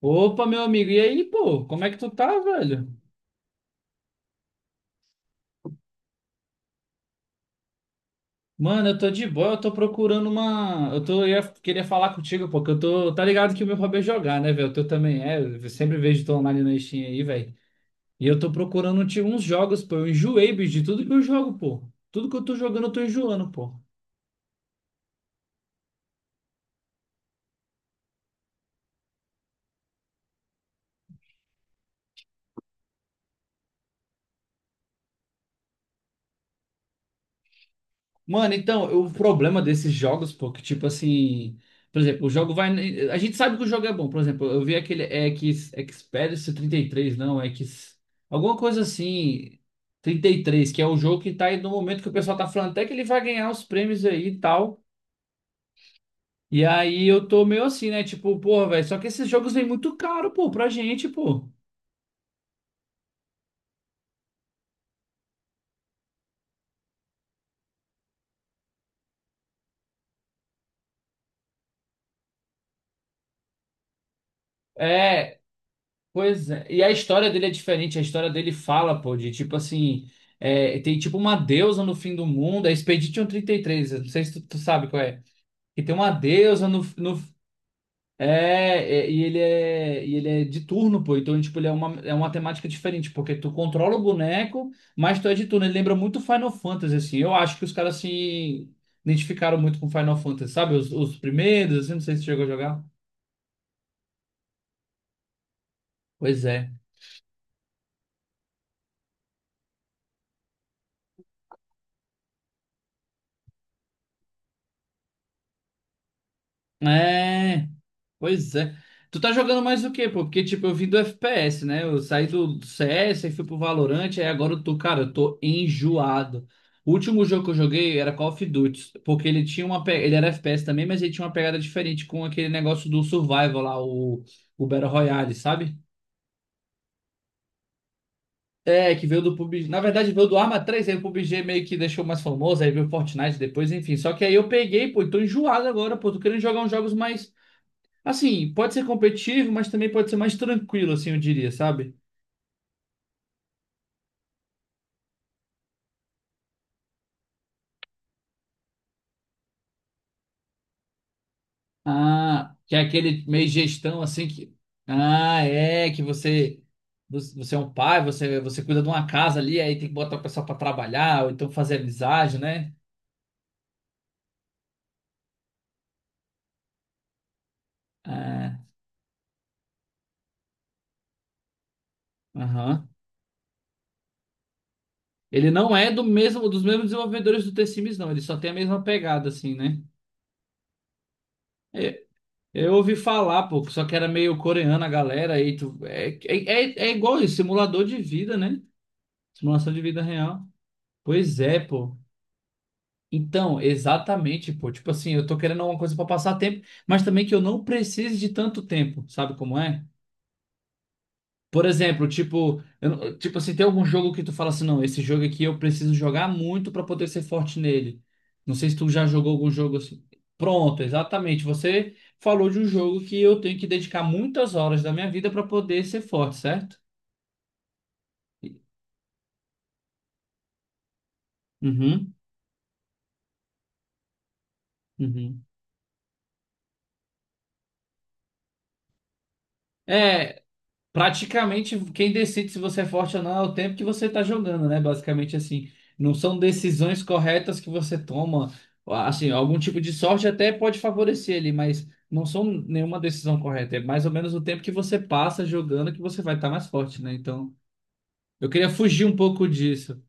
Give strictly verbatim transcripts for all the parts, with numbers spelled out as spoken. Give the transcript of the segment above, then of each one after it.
Opa, meu amigo, e aí, pô, como é que tu tá, velho? Mano, eu tô de boa, eu tô procurando uma. Eu tô, eu ia- queria falar contigo, pô, que eu tô. Tá ligado que o meu hobby é jogar, né, velho? O teu também é. Eu sempre vejo tu online na Steam aí, velho. E eu tô procurando tipo, uns jogos, pô. Eu enjoei, bicho, de tudo que eu jogo, pô. Tudo que eu tô jogando, eu tô enjoando, pô. Mano, então, o problema desses jogos, pô, que tipo assim, por exemplo, o jogo vai. A gente sabe que o jogo é bom, por exemplo, eu vi aquele X, Expedition trinta e três, não, X. Alguma coisa assim, trinta e três, que é o jogo que tá aí no momento que o pessoal tá falando até que ele vai ganhar os prêmios aí e tal. E aí eu tô meio assim, né? Tipo, porra, velho, só que esses jogos vêm muito caro, pô, pra gente, pô. É, pois é, e a história dele é diferente, a história dele fala, pô, de tipo assim, é, tem tipo uma deusa no fim do mundo, é Expedition trinta e três, eu não sei se tu, tu sabe qual é, que tem uma deusa no, no é, é, e ele é, e ele é de turno, pô, então tipo, ele é uma, é uma temática diferente, porque tu controla o boneco, mas tu é de turno, ele lembra muito Final Fantasy, assim, eu acho que os caras se identificaram muito com Final Fantasy, sabe, os, os primeiros, assim, não sei se chegou a jogar, pois é. É, pois é. Tu tá jogando mais o quê, pô? Porque, tipo, eu vim do F P S, né? Eu saí do do C S, aí fui pro Valorant, aí agora eu tô, cara, eu tô enjoado. O último jogo que eu joguei era Call of Duty, porque ele tinha uma, pe- ele era F P S também, mas ele tinha uma pegada diferente com aquele negócio do survival lá, o, o Battle Royale, sabe? É, que veio do P U B G. Na verdade, veio do Arma três aí o P U B G meio que deixou mais famoso, aí veio o Fortnite depois, enfim. Só que aí eu peguei, pô, e tô enjoado agora, pô, tô querendo jogar uns jogos mais. Assim, pode ser competitivo, mas também pode ser mais tranquilo, assim, eu diria, sabe? Ah, que é aquele meio gestão assim que. Ah, é, que você. Você é um pai, você, você cuida de uma casa ali, aí tem que botar o pessoal pra trabalhar, ou então fazer amizade, né? Ah, aham. Ele não é do mesmo, dos mesmos desenvolvedores do T-Sims, não. Ele só tem a mesma pegada, assim, né? É, eu ouvi falar, pô, que só que era meio coreana a galera, aí tu. É, é, é é igual isso, simulador de vida, né? Simulação de vida real. Pois é, pô. Então, exatamente, pô. Tipo assim, eu tô querendo alguma coisa pra passar tempo, mas também que eu não precise de tanto tempo, sabe como é? Por exemplo, tipo, eu não- tipo assim, tem algum jogo que tu fala assim, não, esse jogo aqui eu preciso jogar muito pra poder ser forte nele. Não sei se tu já jogou algum jogo assim. Pronto, exatamente. Você falou de um jogo que eu tenho que dedicar muitas horas da minha vida pra poder ser forte, certo? Uhum, uhum. É, praticamente quem decide se você é forte ou não é o tempo que você está jogando, né? Basicamente assim, não são decisões corretas que você toma, assim, algum tipo de sorte até pode favorecer ele, mas não são nenhuma decisão correta, é mais ou menos o tempo que você passa jogando que você vai estar mais forte, né? Então, eu queria fugir um pouco disso.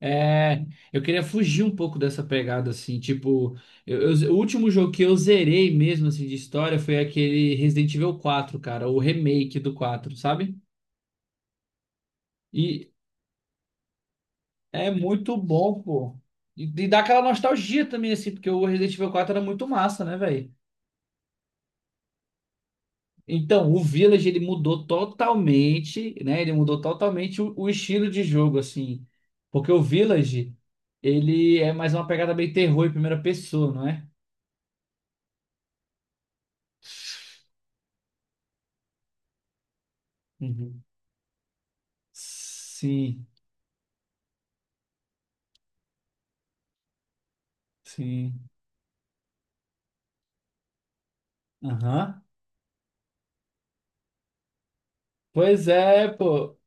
É, eu queria fugir um pouco dessa pegada assim, tipo, eu- eu- o último jogo que eu zerei mesmo assim de história foi aquele Resident Evil quatro, cara, o remake do quatro, sabe? E, é muito bom, pô. E, e dá aquela nostalgia também, assim, porque o Resident Evil quatro era muito massa, né, velho? Então, o Village, ele mudou totalmente, né? Ele mudou totalmente o, o estilo de jogo, assim. Porque o Village, ele é mais uma pegada bem terror em primeira pessoa, não é? Uhum. Sim, sim. Aham. Pois é, pô.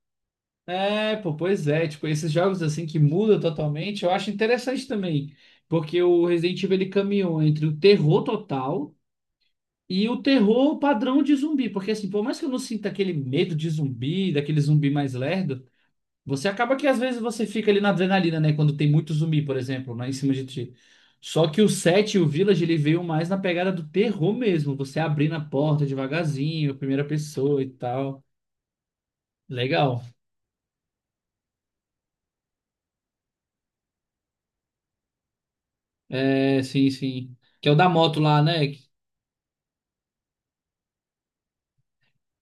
É, pô, pois é, tipo, esses jogos assim que mudam totalmente, eu acho interessante também, porque o Resident Evil ele caminhou entre o terror total e o terror padrão de zumbi, porque assim, por mais que eu não sinta aquele medo de zumbi, daquele zumbi mais lerdo, você acaba que às vezes você fica ali na adrenalina, né, quando tem muito zumbi, por exemplo, né, em cima de ti. Só que o sete e o Village ele veio mais na pegada do terror mesmo, você abrindo a porta devagarzinho, primeira pessoa e tal. Legal. É, sim, sim. Que é o da moto lá, né?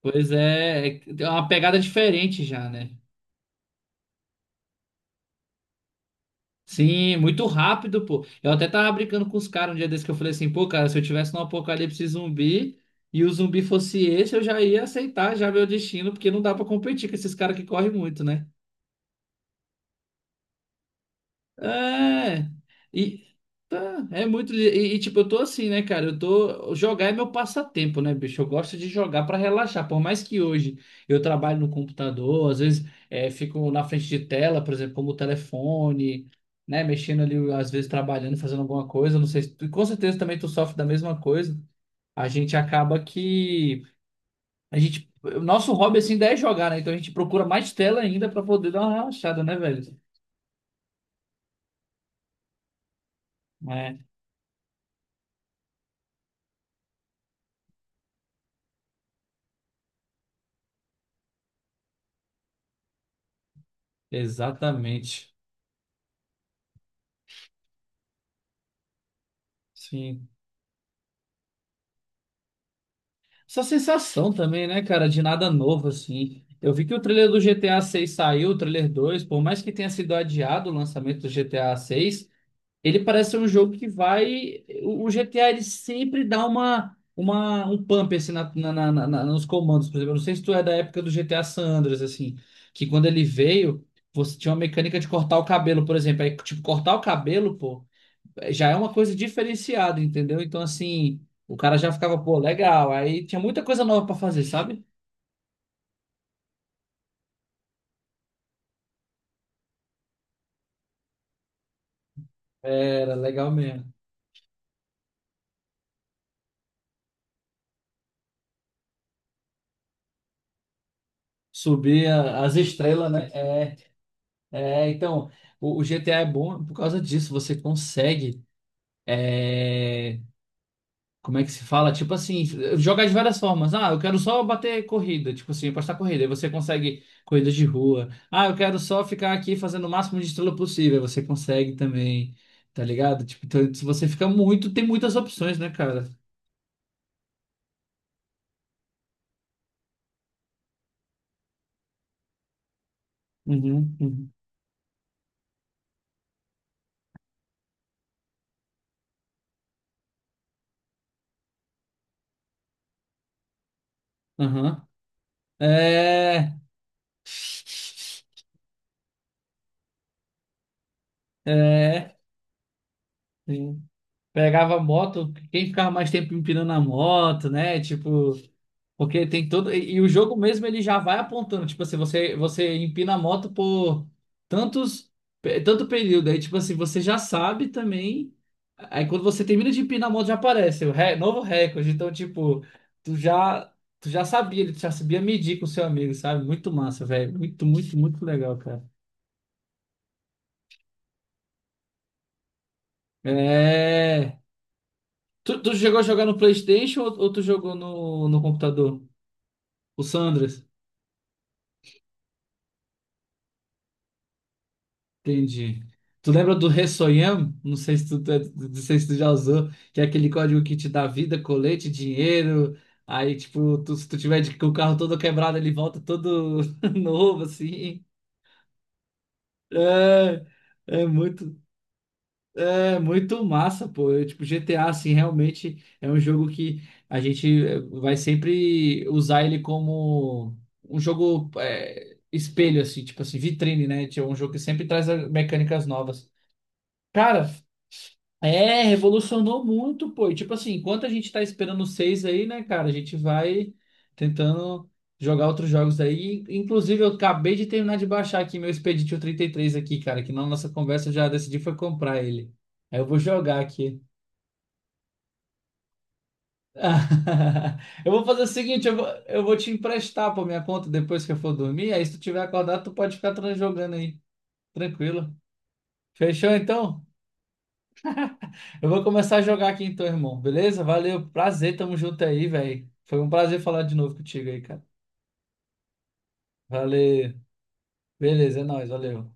Pois é, é tem uma pegada diferente já, né? Sim, muito rápido, pô. Eu até tava brincando com os caras um dia desse que eu falei assim, pô, cara, se eu tivesse num apocalipse zumbi e o zumbi fosse esse, eu já ia aceitar já meu destino, porque não dá pra competir com esses caras que correm muito, né? É. E, tá, é muito. E, e, tipo, eu tô assim, né, cara? Eu tô. Jogar é meu passatempo, né, bicho? Eu gosto de jogar pra relaxar. Por mais que hoje eu trabalho no computador, às vezes é, fico na frente de tela, por exemplo, como o telefone, né? Mexendo ali, às vezes trabalhando, fazendo alguma coisa. Não sei se tu- com certeza também tu sofre da mesma coisa. A gente acaba que. A gente. O nosso hobby, assim, ainda é jogar, né? Então a gente procura mais tela ainda pra poder dar uma relaxada, né, velho? É, exatamente. Sim. Essa sensação também, né, cara, de nada novo, assim. Eu vi que o trailer do G T A seis saiu, o trailer dois por mais que tenha sido adiado o lançamento do G T A seis, ele parece ser um jogo que vai. O o G T A ele sempre dá uma, uma, um pump assim, na, na, na- na- na- nos comandos. Por exemplo, eu não sei se tu é da época do G T A San Andreas, assim, que quando ele veio, você tinha uma mecânica de cortar o cabelo, por exemplo. Aí, tipo, cortar o cabelo, pô já é uma coisa diferenciada, entendeu? Então, assim, o cara já ficava, pô, legal. Aí tinha muita coisa nova pra fazer, sabe? Era legal mesmo. Subir a- as estrelas, né? É, é, então, o, o G T A é bom por causa disso. Você consegue, como é que se fala? Tipo assim, jogar de várias formas. Ah, eu quero só bater corrida, tipo assim, apostar corrida. Aí você consegue corridas de rua. Ah, eu quero só ficar aqui fazendo o máximo de estrela possível. Aí você consegue também, tá ligado? Tipo, então, se você fica muito, tem muitas opções, né, cara? Uhum, uhum, aham. É. É. Sim. Pegava a moto, quem ficava mais tempo empinando a moto, né? Tipo, porque tem todo. E, e o jogo mesmo ele já vai apontando. Tipo assim, você, você empina a moto por tantos, pe- tanto período. Aí, tipo assim, você já sabe também. Aí quando você termina de empinar a moto, já aparece o ré- novo recorde. Então, tipo, tu já. Tu já sabia, ele já sabia medir com o seu amigo, sabe? Muito massa, velho. Muito, muito, muito legal, cara. É. Tu, tu chegou a jogar no PlayStation ou, ou tu jogou no, no computador? O Sandras? Entendi. Tu lembra do Ressoyam? Não sei se tu, tu- é, não sei se tu já usou, que é aquele código que te dá vida, colete, dinheiro. Aí, tipo, tu- se tu tiver de- com o carro todo quebrado, ele volta todo novo, assim. É, é muito. É muito massa, pô. Eu, tipo, G T A, assim, realmente é um jogo que a gente eh, vai sempre usar ele como um jogo eh, espelho, assim, tipo assim, vitrine, né? Tipo, é um jogo que sempre traz eh, mecânicas novas. Cara, é, revolucionou muito, pô. E, tipo assim, enquanto a gente tá esperando o seis aí, né, cara, a gente vai tentando jogar outros jogos aí. Inclusive, eu acabei de terminar de baixar aqui meu Expedition trinta e três aqui, cara, que na nossa conversa eu já decidi foi comprar ele. Aí eu vou jogar aqui. Eu vou fazer o seguinte, eu vou, eu vou te emprestar por minha conta depois que eu for dormir. Aí se tu tiver acordado, tu pode ficar tran- jogando aí, tranquilo. Fechou então? Eu vou começar a jogar aqui então, irmão. Beleza? Valeu, prazer, tamo junto aí, velho. Foi um prazer falar de novo contigo aí, cara. Valeu. Beleza, é nóis, valeu.